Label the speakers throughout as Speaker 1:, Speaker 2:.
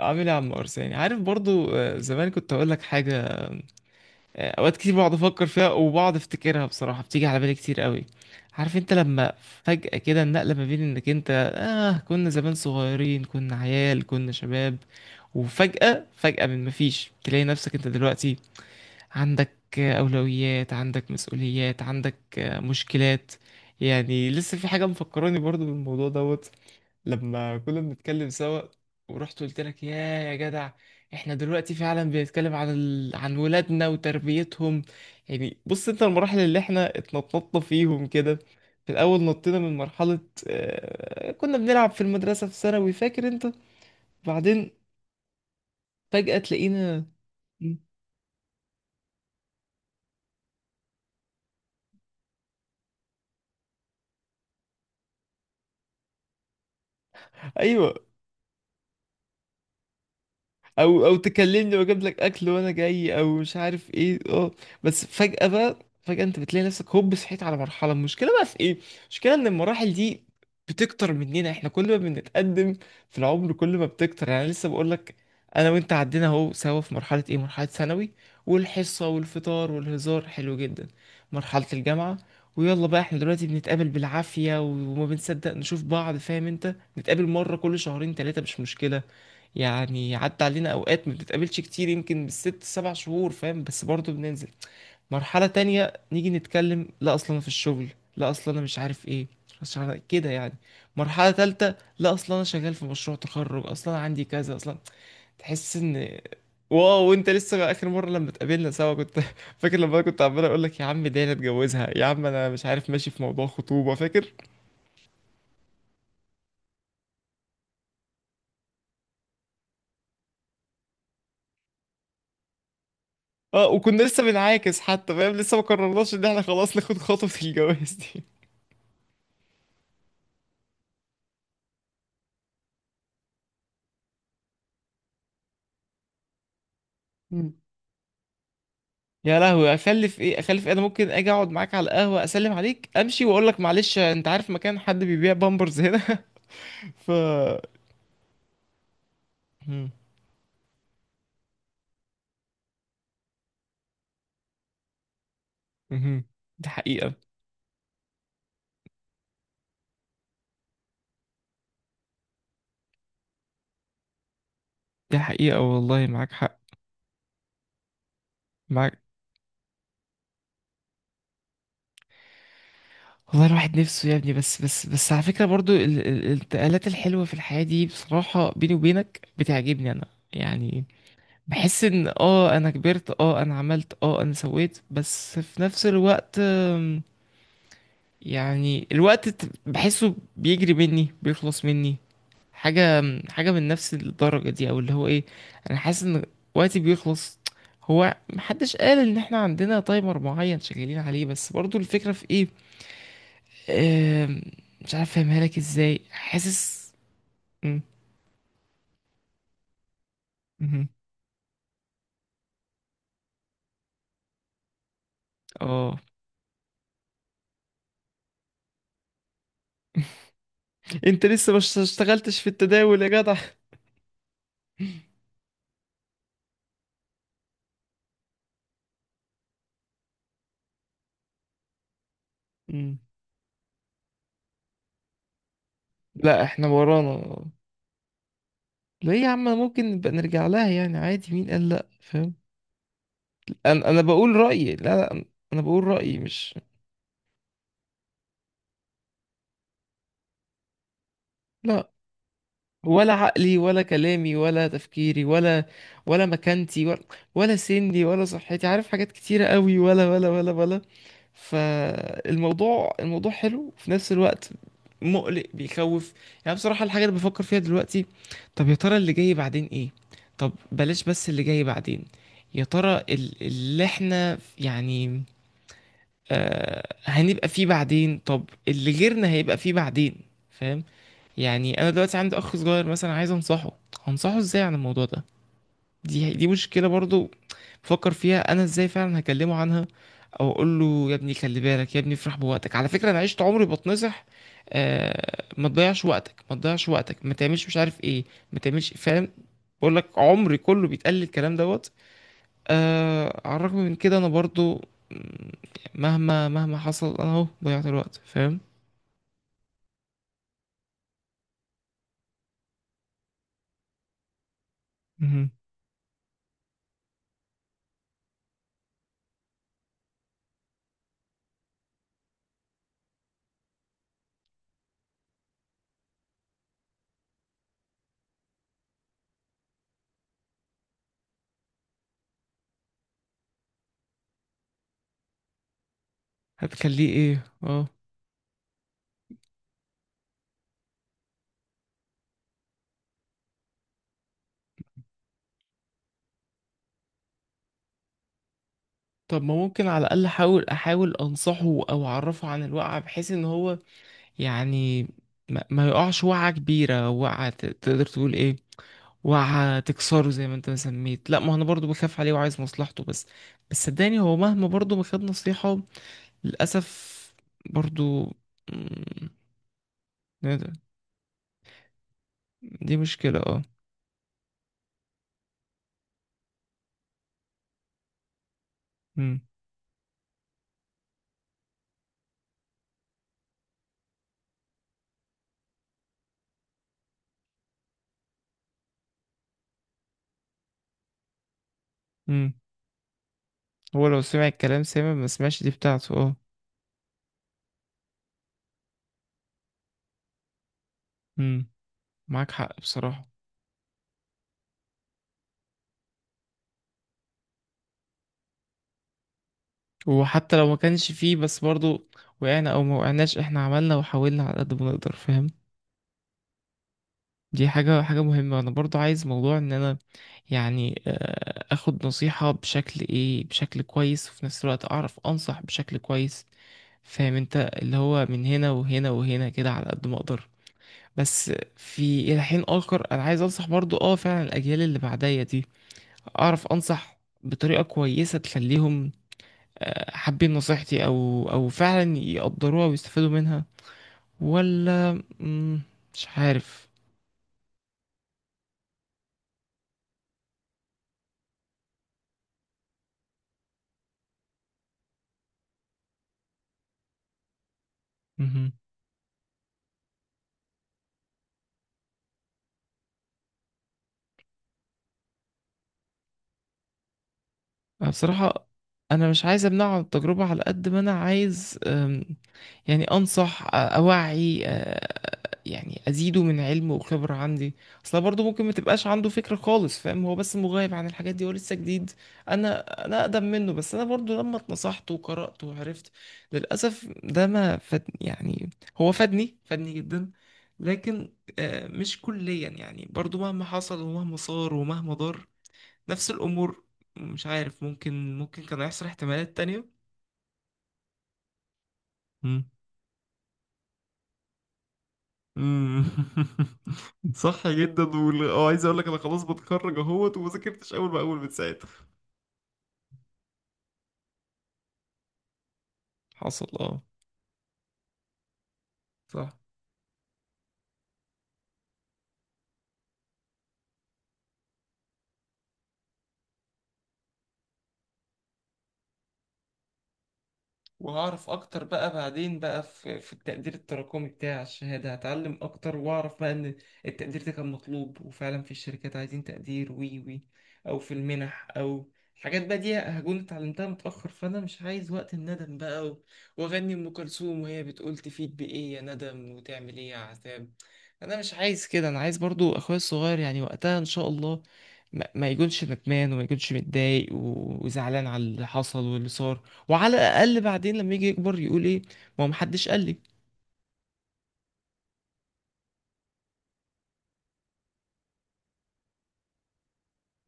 Speaker 1: عامل ايه يا عم ارساني؟ عارف برضو. زمان كنت اقول لك حاجه. اوقات كتير بقعد افكر فيها، وبقعد افتكرها بصراحه، بتيجي على بالي كتير قوي. عارف انت، لما فجاه كده النقله ما بين انك انت، اه كنا زمان صغيرين، كنا عيال، كنا شباب. وفجاه فجاه من مفيش، تلاقي نفسك انت دلوقتي عندك اولويات، عندك مسؤوليات، عندك مشكلات. يعني لسه في حاجه مفكراني برضو بالموضوع دوت. لما كنا بنتكلم سوا، ورحت قلت لك: يا جدع، احنا دلوقتي فعلا بنتكلم عن عن ولادنا وتربيتهم. يعني بص انت، المراحل اللي احنا اتنططنا فيهم كده، في الاول نطينا من مرحلة كنا بنلعب في المدرسة في ثانوي، فاكر انت؟ بعدين فجأة تلاقينا. ايوه، او تكلمني واجيب لك اكل وانا جاي، او مش عارف ايه اه بس فجأة بقى، فجأة انت بتلاقي نفسك، هوب، صحيت على مرحلة. المشكلة بقى في ايه؟ المشكلة ان المراحل دي بتكتر مننا احنا، كل ما بنتقدم في العمر كل ما بتكتر. يعني أنا لسه بقول لك، انا وانت عدينا اهو سوا في مرحلة ايه؟ مرحلة ثانوي والحصة والفطار والهزار حلو جدا. مرحلة الجامعة، ويلا بقى احنا دلوقتي بنتقابل بالعافية وما بنصدق نشوف بعض، فاهم انت؟ نتقابل مرة كل شهرين تلاتة، مش مشكلة. يعني عدى علينا اوقات ما بنتقابلش كتير، يمكن بالست سبع شهور، فاهم؟ بس برضه بننزل مرحلة تانية. نيجي نتكلم: لا، اصلا انا في الشغل. لا، اصلا انا مش عارف ايه، مش عارف كده يعني. مرحلة تالتة: لا، اصلا انا شغال في مشروع تخرج، اصلا أنا عندي كذا اصلا. تحس ان... واو، وانت لسه اخر مرة لما اتقابلنا سوا كنت فاكر، لما انا كنت عمال اقول لك: يا عم دي انا اتجوزها، يا عم انا مش عارف، ماشي في موضوع خطوبة، فاكر؟ اه وكنا لسه بنعاكس حتى، فاهم؟ لسه ما قررناش ان احنا خلاص ناخد خطوة الجواز دي. يا لهوي، اخلف ايه؟ اخلف ايه؟ انا ممكن اجي اقعد معاك على القهوه، اسلم عليك، امشي واقول لك: معلش انت عارف مكان حد بيبيع بامبرز هنا؟ ف مم. مهم. دي حقيقه. دي حقيقه والله، معاك حق. معاك والله الواحد نفسه يا ابني، بس على فكره، برضو الانتقالات الحلوه في الحياه دي بصراحه، بيني وبينك، بتعجبني انا. يعني بحس ان انا كبرت، انا عملت، انا سويت، بس في نفس الوقت يعني الوقت بحسه بيجري مني، بيخلص مني حاجة حاجة من نفس الدرجة دي، او اللي هو ايه. انا حاسس ان وقتي بيخلص. هو محدش قال ان احنا عندنا تايمر معين شغالين عليه، بس برضو الفكرة في ايه؟ آم، مش عارف افهمها لك ازاي، حاسس مم، مهم. اه انت لسه مش اشتغلتش في التداول يا جدع؟ مم. لا، احنا ورانا. ليه يا عم ممكن نبقى نرجع لها يعني عادي، مين قال لا، فاهم؟ انا بقول رأيي، لا. لا، انا بقول رأيي مش لا. ولا عقلي ولا كلامي ولا تفكيري ولا مكانتي ولا سني ولا صحتي، عارف حاجات كتيرة قوي، ولا. فالموضوع حلو وفي نفس الوقت مقلق، بيخوف. يعني بصراحة الحاجة اللي بفكر فيها دلوقتي، طب يا ترى اللي جاي بعدين ايه؟ طب بلاش. بس اللي جاي بعدين يا ترى، اللي احنا يعني... هنبقى فيه بعدين، طب اللي غيرنا هيبقى فيه بعدين. فاهم؟ يعني انا دلوقتي عندي اخ صغير مثلا، عايز انصحه. هنصحه ازاي عن الموضوع ده؟ دي مشكلة برضو، بفكر فيها انا ازاي فعلا هكلمه عنها. او اقول له: يا ابني خلي بالك، يا ابني افرح بوقتك. على فكرة انا عشت عمري بتنصح. ما تضيعش وقتك، ما تضيعش وقتك، ما تعملش مش عارف ايه، ما تعملش، فاهم؟ بقول لك عمري كله بيتقال لي الكلام دوت. على الرغم من كده انا برضو مم، مهما مهما حصل، انا اهو ضيعت الوقت، فاهم؟ مهم. هتخليه ايه؟ اه طب ما ممكن على الأقل أحاول أنصحه، أو أعرفه عن الوقعة، بحيث إن هو يعني ما يقعش وقعة كبيرة، وقعة تقدر تقول إيه، وقعة تكسره زي ما أنت ما سميت. لا، ما أنا برضو بخاف عليه وعايز مصلحته، بس. بس صدقني هو مهما برضو ما خد نصيحة، للأسف برضو مم، إيه ده؟ دي مشكلة اه مم. مم. هو لو سمع الكلام سامع، ما سمعش دي بتاعته مم. معاك حق بصراحة. وحتى لو ما كانش فيه، بس برضو، وقعنا او ما وقعناش، احنا عملنا وحاولنا على قد ما نقدر، فاهم؟ دي حاجة مهمة، انا برضو عايز موضوع ان انا يعني اخد نصيحة بشكل ايه، بشكل كويس، وفي نفس الوقت اعرف انصح بشكل كويس. فاهم انت؟ اللي هو من هنا وهنا وهنا، كده على قد ما اقدر، بس. في الى حين اخر، انا عايز انصح برضو، فعلا الاجيال اللي بعدية دي اعرف انصح بطريقة كويسة تخليهم حابين نصيحتي، او فعلا يقدروها ويستفادوا منها. ولا مش عارف. مهم. أنا بصراحة، انا مش عايز امنعه عن التجربة، على قد ما انا عايز. يعني انصح، اوعي، يعني ازيده من علم وخبرة عندي، اصلا برضو ممكن ما تبقاش عنده فكرة خالص، فاهم؟ هو بس مغيب عن الحاجات دي، هو لسه جديد. انا انا اقدم منه. بس انا برضو لما اتنصحت وقرأت وعرفت، للاسف ده ما فاد يعني. هو فادني فادني جدا، لكن مش كليا يعني، برضو مهما حصل ومهما صار ومهما ضر، نفس الامور. مش عارف، ممكن كان هيحصل احتمالات تانية. مم. صح جدا، عايز اقول لك انا خلاص بتخرج اهوت، وما ذاكرتش اول باول من ساعتها. حصل، صح. وهعرف اكتر بقى بعدين بقى، في التقدير التراكمي بتاع الشهادة، هتعلم اكتر واعرف بقى ان التقدير ده كان مطلوب، وفعلا في الشركات عايزين تقدير وي او في المنح، او الحاجات بقى دي هكون اتعلمتها متأخر، فانا مش عايز وقت الندم بقى واغني ام كلثوم وهي بتقول: تفيد بايه يا ندم، وتعمل ايه يا عذاب. انا مش عايز كده. انا عايز برضو اخويا الصغير يعني وقتها ان شاء الله ما يكونش ندمان، وما يكونش متضايق وزعلان على اللي حصل واللي صار. وعلى الاقل بعدين لما يجي يكبر يقول ايه؟ ما هو محدش قال لي.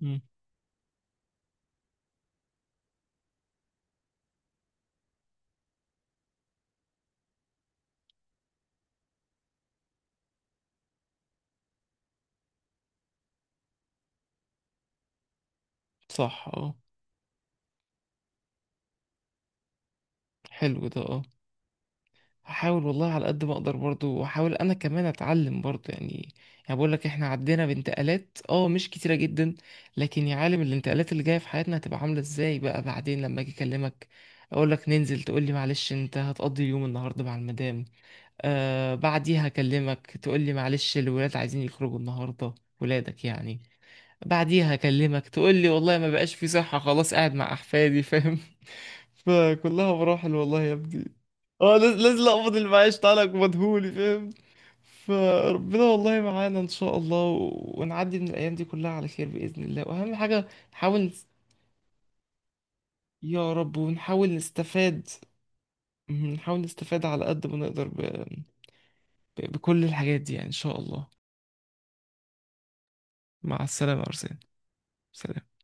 Speaker 1: مم. صح، حلو ده اه هحاول والله على قد ما اقدر، برضو واحاول انا كمان اتعلم برضو يعني. يعني بقول لك، احنا عدينا بانتقالات مش كتيرة جدا. لكن يا عالم الانتقالات اللي جاية في حياتنا هتبقى عاملة ازاي بقى بعدين؟ لما اجي اكلمك اقول لك ننزل، تقول لي: معلش، انت هتقضي اليوم النهارده مع المدام. بعديها اكلمك، تقول لي: معلش، الولاد عايزين يخرجوا النهارده. ولادك يعني. بعديها اكلمك، تقول لي: والله ما بقاش في صحة، خلاص قاعد مع احفادي، فاهم؟ فكلها مراحل والله يا ابني. اه لازم اقبض المعاش، تعالك مدهولي فاهم؟ فربنا والله معانا ان شاء الله، ونعدي من الايام دي كلها على خير باذن الله، واهم حاجه نحاول يا رب. ونحاول نستفاد نحاول نستفاد على قد ما نقدر بكل الحاجات دي يعني ان شاء الله. مع السلامه يا ارسلان، سلام.